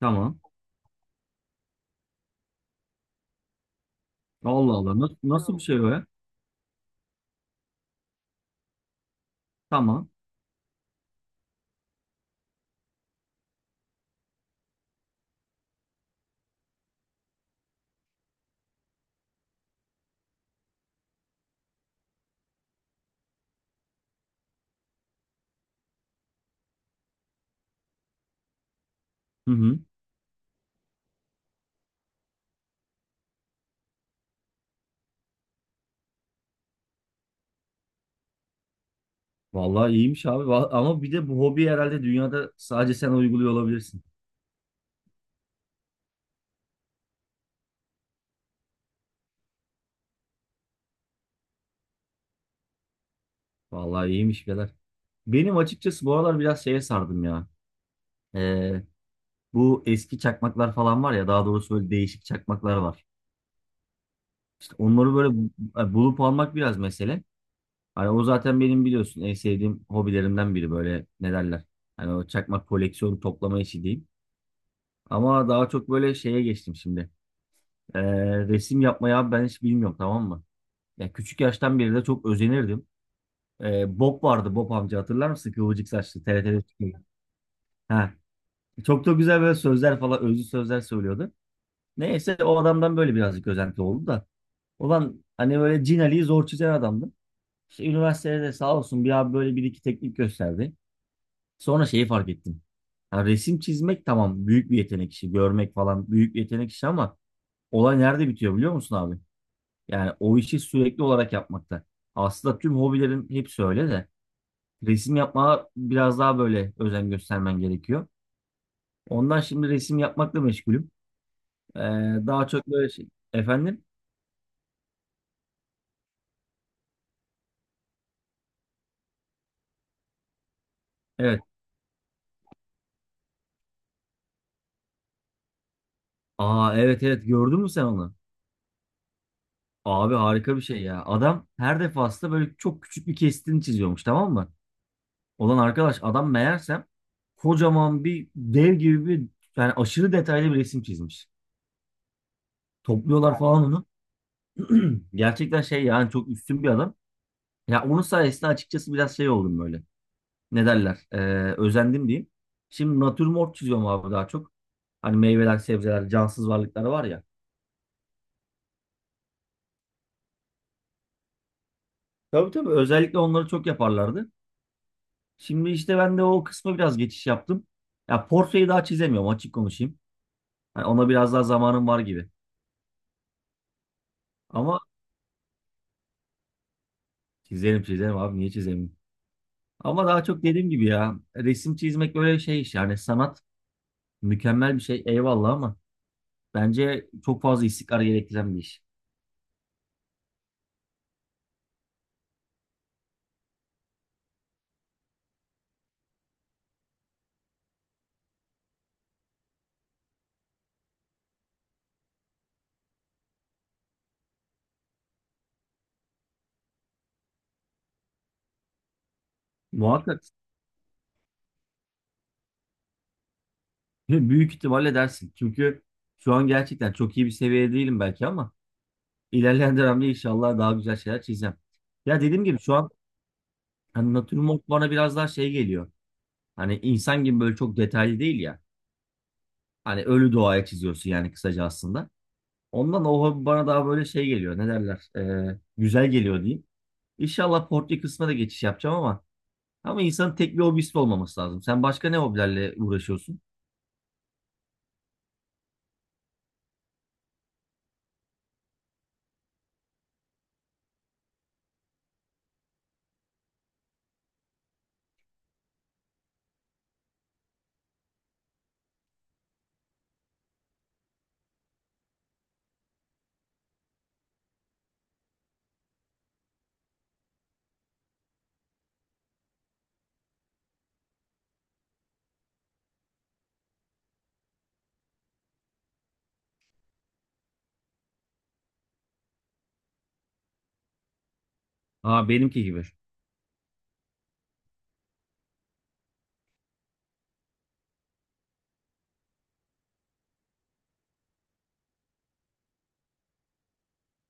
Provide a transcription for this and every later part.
Tamam. Allah Allah. Nasıl, nasıl bir şey o ya? Tamam. Hı hı. Vallahi iyiymiş abi. Ama bir de bu hobi herhalde dünyada sadece sen uyguluyor olabilirsin. Vallahi iyiymiş birader. Benim açıkçası bu aralar biraz şeye sardım ya. Ee, bu eski çakmaklar falan var ya. Daha doğrusu böyle değişik çakmaklar var. İşte onları böyle bulup almak biraz mesele. Hani o zaten benim biliyorsun en sevdiğim hobilerimden biri böyle ne derler. Hani o çakmak koleksiyonu toplama işi diyeyim. Ama daha çok böyle şeye geçtim şimdi. Ee, resim yapmayı abi ben hiç bilmiyorum tamam mı? Ya küçük yaştan beri de çok özenirdim. Bob vardı, Bob amca, hatırlar mısın? Kıvırcık saçlı TRT'de çıkıyordu. Ha, çok da güzel böyle sözler falan özlü sözler söylüyordu. Neyse, o adamdan böyle birazcık özenti oldu da. Ulan, hani böyle Cin Ali'yi zor çizen adamdı. İşte üniversitede de sağ olsun bir abi böyle bir iki teknik gösterdi. Sonra şeyi fark ettim. Ha, resim çizmek tamam, büyük bir yetenek işi. Görmek falan büyük bir yetenek işi ama olay nerede bitiyor biliyor musun abi? Yani o işi sürekli olarak yapmakta. Aslında tüm hobilerin hepsi öyle de resim yapmaya biraz daha böyle özen göstermen gerekiyor. Ondan şimdi resim yapmakla meşgulüm. Ee, daha çok böyle şey. Efendim? Evet. Aa, evet evet, gördün mü sen onu? Abi harika bir şey ya. Adam her defasında böyle çok küçük bir kesitini çiziyormuş tamam mı? Olan arkadaş adam meğersem kocaman bir dev gibi bir, yani aşırı detaylı bir resim çizmiş. Topluyorlar falan onu. Gerçekten şey yani, çok üstün bir adam. Ya onun sayesinde açıkçası biraz şey oldum böyle. Ne derler? Özendim diyeyim. Şimdi natürmort çiziyorum abi, daha çok. Hani meyveler, sebzeler, cansız varlıklar var ya. Tabii tabii, özellikle onları çok yaparlardı. Şimdi işte ben de o kısma biraz geçiş yaptım. Ya portreyi daha çizemiyorum, açık konuşayım. Hani ona biraz daha zamanım var gibi. Ama çizerim çizerim abi, niye çizemeyim? Ama daha çok dediğim gibi ya, resim çizmek böyle şey iş yani, sanat mükemmel bir şey eyvallah ama bence çok fazla istikrar gerektiren bir iş. Muhakkak ve büyük ihtimalle dersin. Çünkü şu an gerçekten çok iyi bir seviyede değilim belki ama ilerleyen dönemde inşallah daha güzel şeyler çizeceğim. Ya dediğim gibi şu an hani natürmort bana biraz daha şey geliyor. Hani insan gibi böyle çok detaylı değil ya. Hani ölü doğaya çiziyorsun yani, kısaca aslında. Ondan o hobi bana daha böyle şey geliyor. Ne derler? Güzel geliyor diyeyim. İnşallah portre kısmına da geçiş yapacağım ama ama insanın tek bir hobisi de olmaması lazım. Sen başka ne hobilerle uğraşıyorsun? Aa, benimki gibi.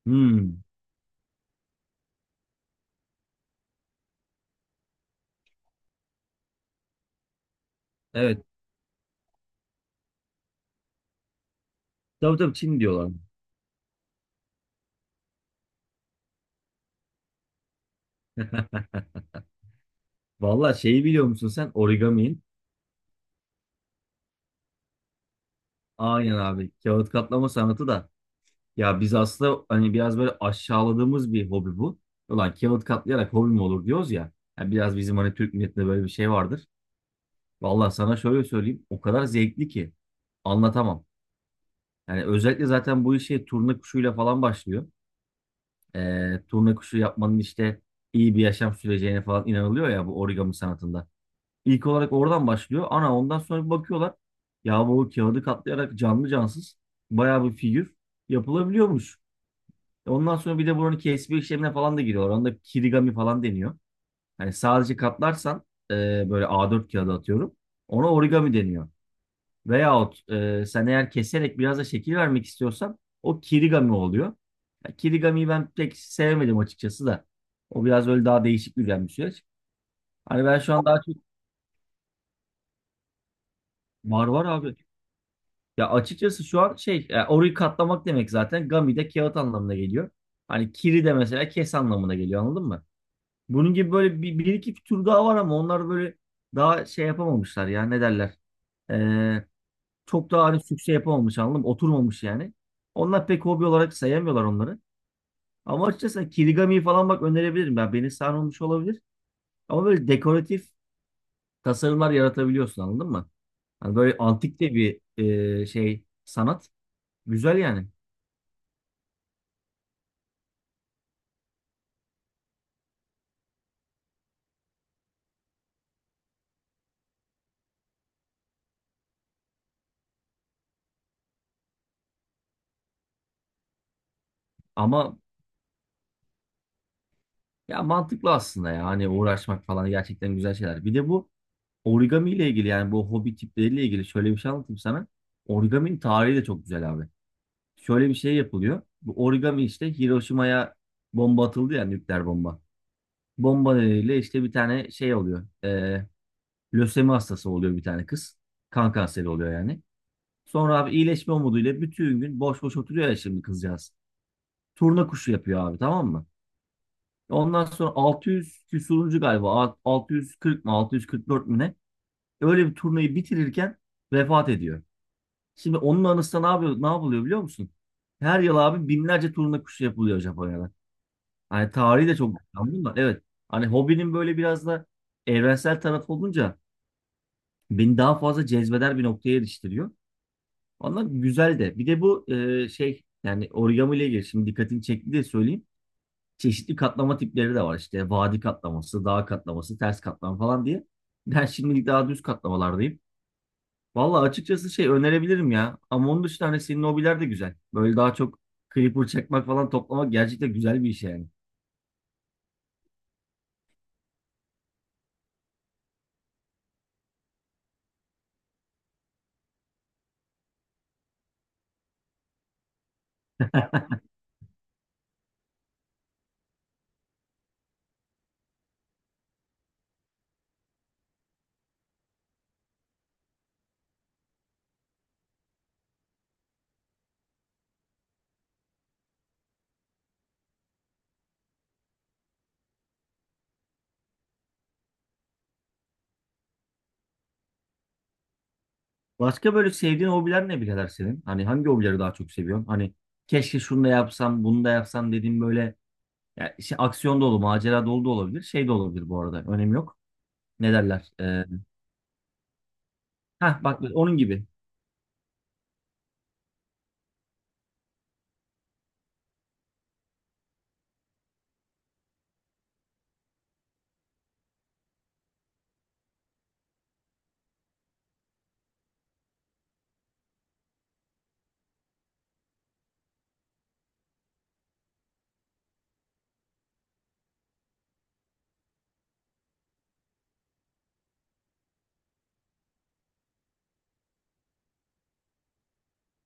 Hmm, evet. Tabii tabii, Çin diyorlar. Valla, şeyi biliyor musun sen, origami'in? Aynen abi. Kağıt katlama sanatı da. Ya biz aslında hani biraz böyle aşağıladığımız bir hobi bu. Ulan kağıt katlayarak hobi mi olur diyoruz ya. Ya biraz bizim hani Türk milletinde böyle bir şey vardır. Valla sana şöyle söyleyeyim. O kadar zevkli ki. Anlatamam. Yani özellikle zaten bu işe turna kuşuyla falan başlıyor. Turna kuşu yapmanın işte iyi bir yaşam süreceğine falan inanılıyor ya, bu origami sanatında. İlk olarak oradan başlıyor. Ana ondan sonra bir bakıyorlar. Ya bu kağıdı katlayarak canlı cansız bayağı bir figür yapılabiliyormuş. E ondan sonra bir de buranın kesme işlemine falan da giriyorlar. Onda kirigami falan deniyor. Hani sadece katlarsan e, böyle A4 kağıdı atıyorum. Ona origami deniyor. Veyahut sen eğer keserek biraz da şekil vermek istiyorsan o kirigami oluyor. Ya kirigamiyi ben pek sevmedim açıkçası da. O biraz öyle daha değişik bir süreç. Hani ben şu an daha çok var var abi. Ya açıkçası şu an şey, orayı katlamak demek, zaten gami de kağıt anlamına geliyor. Hani kiri de mesela kes anlamına geliyor, anladın mı? Bunun gibi böyle bir, bir iki tür daha var ama onlar böyle daha şey yapamamışlar ya, ne derler. Ee, çok daha hani sükse yapamamış, anladın mı? Oturmamış yani. Onlar pek hobi olarak sayamıyorlar onları. Ama açıkçası kirigamiyi falan bak önerebilirim. Ben, beni sarmamış olabilir. Ama böyle dekoratif tasarımlar yaratabiliyorsun, anladın mı? Hani böyle antik de bir şey sanat. Güzel yani. Ama ya mantıklı aslında ya. Hani uğraşmak falan gerçekten güzel şeyler. Bir de bu origami ile ilgili yani bu hobi tipleriyle ilgili şöyle bir şey anlatayım sana. Origaminin tarihi de çok güzel abi. Şöyle bir şey yapılıyor. Bu origami işte Hiroşima'ya bomba atıldı ya, nükleer bomba. Bomba nedeniyle işte bir tane şey oluyor. Lösemi hastası oluyor bir tane kız. Kan kanseri oluyor yani. Sonra abi iyileşme umuduyla bütün gün boş boş oturuyor ya şimdi kızcağız. Turna kuşu yapıyor abi tamam mı? Ondan sonra 600 küsuruncu galiba, 640 mı 644 mü ne? Öyle bir turnayı bitirirken vefat ediyor. Şimdi onun anısına ne yapıyor, ne yapılıyor biliyor musun? Her yıl abi binlerce turna kuşu yapılıyor Japonya'da. Hani tarihi de çok, anladın da, evet. Hani hobinin böyle biraz da evrensel tarafı olunca beni daha fazla cezbeder bir noktaya eriştiriyor. Ondan güzel de. Bir de bu şey yani origami ile ilgili şimdi dikkatini çekti diye söyleyeyim. Çeşitli katlama tipleri de var. İşte vadi katlaması, dağ katlaması, ters katlama falan diye. Ben şimdilik daha düz katlamalardayım. Valla açıkçası şey önerebilirim ya. Ama onun dışında hani senin hobiler de güzel. Böyle daha çok creeper çekmek falan, toplamak gerçekten güzel bir iş yani. Başka böyle sevdiğin hobiler ne birader senin? Hani hangi hobileri daha çok seviyorsun? Hani keşke şunu da yapsam, bunu da yapsam dediğim böyle, ya işte aksiyon dolu, macera dolu da olabilir. Şey de olabilir bu arada. Önemi yok. Ne derler? Heh, bak onun gibi.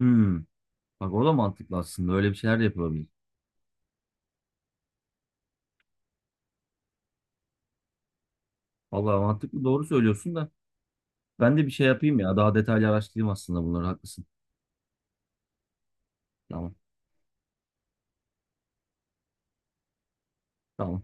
Hmm. Bak o da mantıklı aslında. Öyle bir şeyler de yapılabilir. Vallahi mantıklı, doğru söylüyorsun da ben de bir şey yapayım ya. Daha detaylı araştırayım aslında bunları. Haklısın. Tamam. Tamam.